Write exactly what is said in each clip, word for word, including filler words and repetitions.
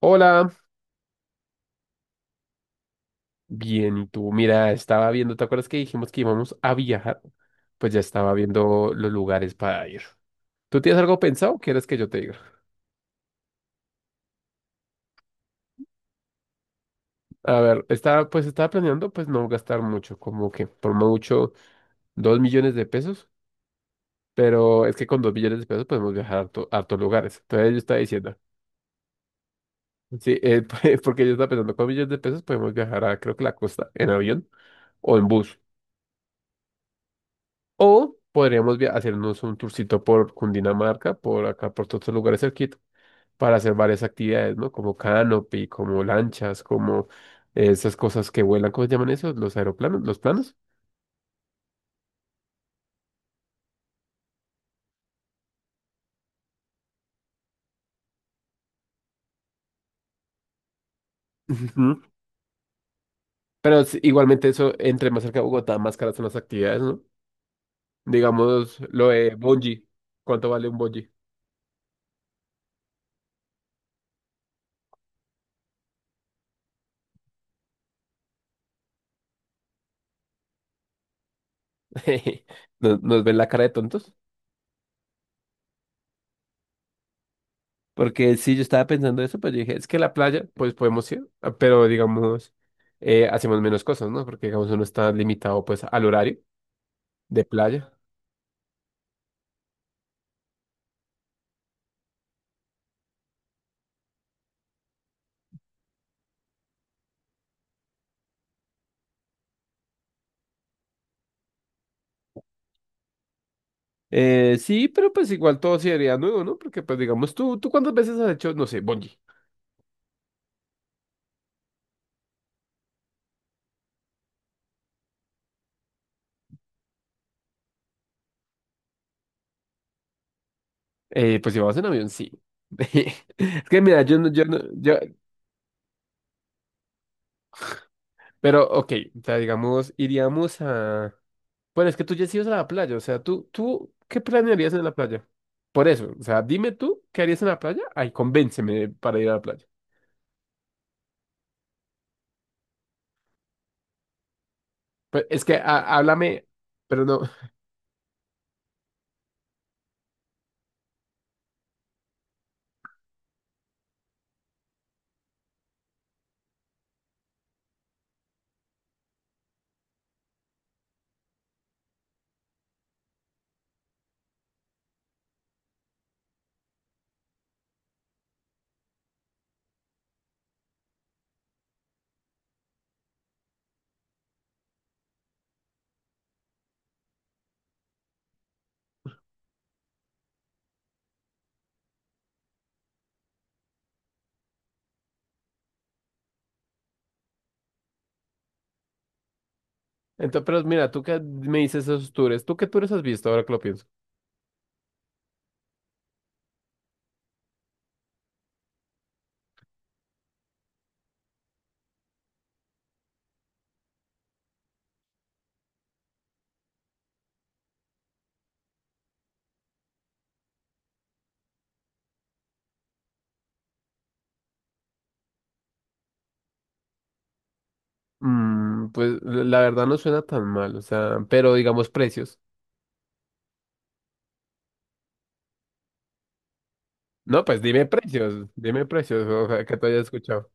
Hola, bien, ¿y tú? Mira, estaba viendo, ¿te acuerdas que dijimos que íbamos a viajar? Pues ya estaba viendo los lugares para ir. ¿Tú tienes algo pensado o quieres que yo te diga? A ver, estaba, pues estaba planeando, pues no gastar mucho, como que por mucho dos millones de pesos, pero es que con dos millones de pesos podemos viajar a harto- hartos lugares. Entonces yo estaba diciendo, sí, eh, porque yo estaba pensando, con millones de pesos podemos viajar a, creo que, la costa en avión o en bus. O podríamos via- hacernos un tourcito por Cundinamarca, por acá, por todos los lugares cerquita, para hacer varias actividades, ¿no? Como canopy, como lanchas, como esas cosas que vuelan, ¿cómo se llaman esos? Los aeroplanos, los planos. Ujú. Pero s- igualmente eso, entre más cerca de Bogotá, más caras son las actividades, ¿no? Digamos, lo de bungee. ¿Cuánto vale un bungee? ¿Nos, nos ven la cara de tontos? Porque sí, yo estaba pensando eso, pero yo dije, es que la playa, pues podemos ir, ah, pero digamos, eh, hacemos menos cosas, ¿no? Porque digamos, uno está limitado pues al horario de playa. Eh, sí, pero pues igual todo sería nuevo, ¿no? Porque pues digamos, tú, ¿tú cuántas veces has hecho, no sé, bungee? Eh, pues si vamos en avión, sí. Es que mira, yo no, yo no, yo, pero ok, o sea, digamos, iríamos a... Pero es que tú ya has ido a la playa, o sea, tú, tú, ¿qué planearías en la playa? Por eso, o sea, dime tú, ¿qué harías en la playa? Ay, convénceme para ir a la playa. Pues es que a- háblame, pero no. Entonces, pero mira, tú que me dices esos tours, ¿tú qué tours has visto ahora que lo pienso? Mm, pues la la verdad no suena tan mal, o sea, pero digamos precios. No, pues dime precios, dime precios, o sea, que te haya escuchado.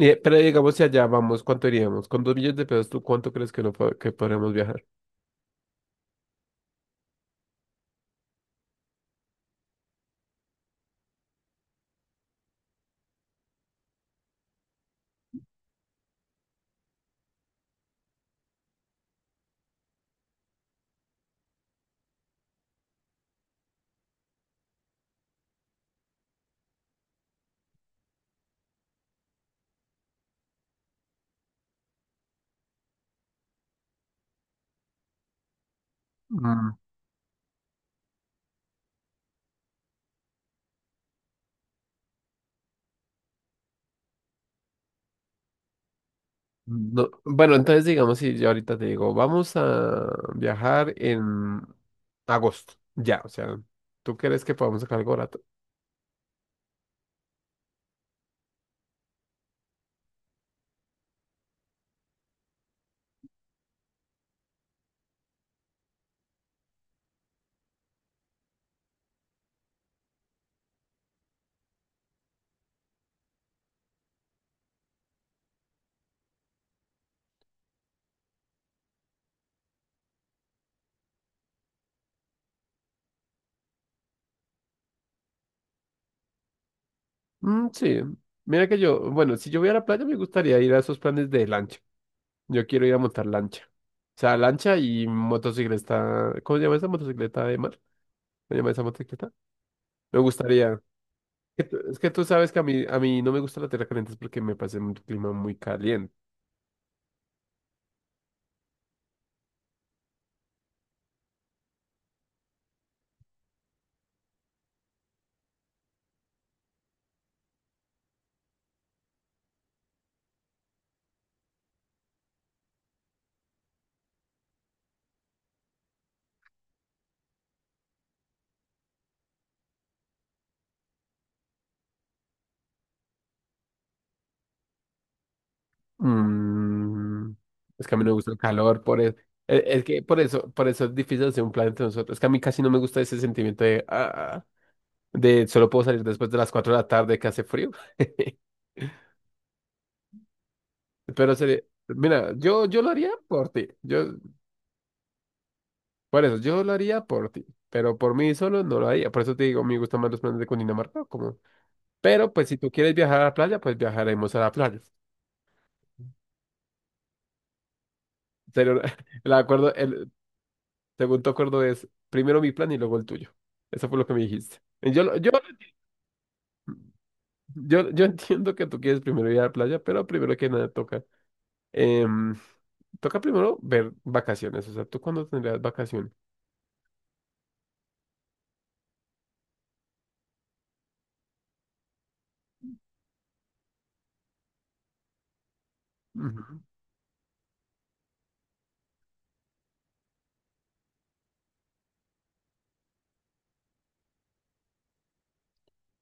Eh, pero digamos si allá vamos, ¿cuánto iríamos? Con dos millones de pesos, ¿tú cuánto crees que, no, po- que podremos viajar? No, bueno, entonces digamos, si yo ahorita te digo, vamos a viajar en agosto, ya, o sea, ¿tú crees que podamos sacar algo barato? Mm, sí, mira que yo, bueno, si yo voy a la playa me gustaría ir a esos planes de lancha, yo quiero ir a montar lancha, o sea, lancha y motocicleta, ¿cómo se llama esa motocicleta de mar? ¿Cómo se llama esa motocicleta? Me gustaría, que tú- es que tú sabes que a mí, a mí no me gusta la tierra caliente, es porque me parece un clima muy caliente. Mm, es que a mí no me gusta el calor, por eso. Es, es que por eso, por eso es difícil hacer un plan entre nosotros. Es que a mí casi no me gusta ese sentimiento de, ah, de solo puedo salir después de las cuatro de la tarde, que hace frío. Pero sería, mira, yo, yo lo haría por ti. Yo, por eso, yo lo haría por ti. Pero por mí solo no lo haría. Por eso te digo, me gustan más los planes de Cundinamarca. Como... Pero pues si tú quieres viajar a la playa, pues viajaremos a la playa. Sería una- el acuerdo, el, según tu acuerdo es primero mi plan y luego el tuyo. Eso fue lo que me dijiste. Y Yo, lo- yo, yo, yo entiendo que tú quieres primero ir a la playa, pero primero que nada toca. em, Toca primero ver vacaciones. O sea, ¿tú cuándo tendrías vacaciones? Ujú.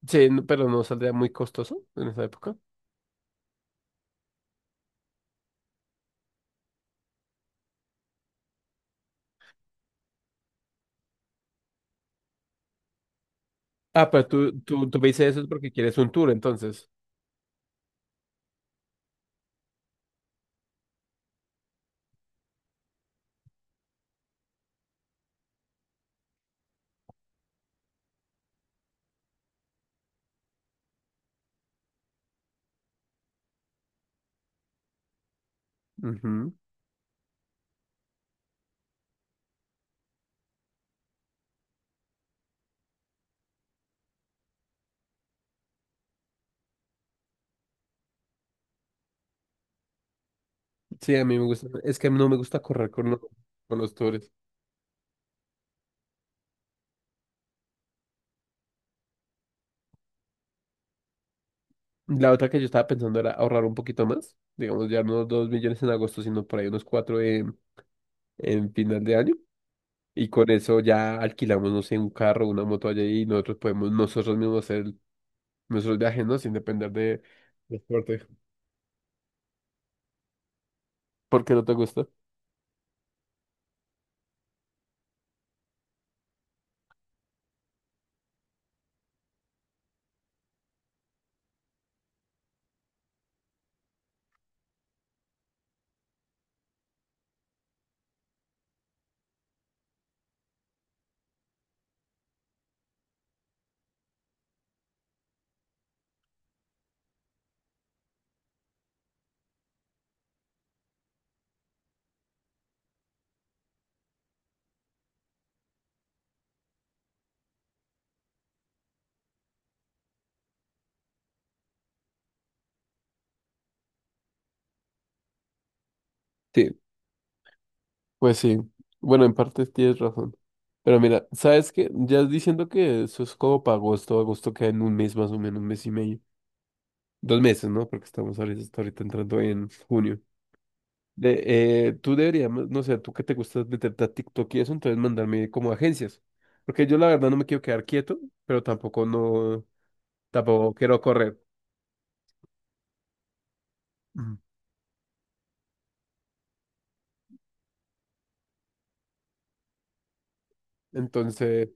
Sí, n- pero no saldría muy costoso en esa época. Ah, pero tú, tú, tú me dices eso es porque quieres un tour, entonces. Ujú. Sí, a mí me gusta. Es que no me gusta correr con los, con los tours. La otra que yo estaba pensando era ahorrar un poquito más. Digamos, ya no dos millones en agosto, sino por ahí unos cuatro en final de año. Y con eso ya alquilamos, no sé, un carro, una moto allá y nosotros podemos nosotros mismos hacer nuestros viajes, ¿no? Sin depender de transporte. ¿Por qué no te gusta? Sí, pues sí. Bueno, en parte tienes razón. Pero mira, ¿sabes qué? Ya diciendo que eso es como para agosto, agosto queda en un mes más o menos, un mes y medio. Dos meses, ¿no? Porque estamos ahorita, hasta ahorita entrando en junio. De, eh, tú deberías, ma- no sé, tú que te gusta meterte a TikTok y eso, entonces mandarme como agencias. Porque yo la verdad no me quiero quedar quieto, pero tampoco no, tampoco quiero correr. Ujú. Entonces,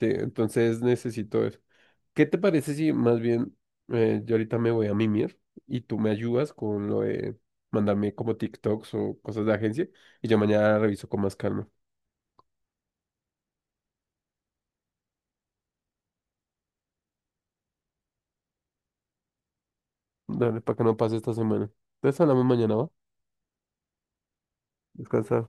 sí, entonces necesito eso. ¿Qué te parece si más bien, eh, yo ahorita me voy a mimir y tú me ayudas con lo de mandarme como TikToks o cosas de agencia y yo mañana reviso con más calma? Dale, para que no pase esta semana. Entonces hablamos mañana, ¿va? Descansa.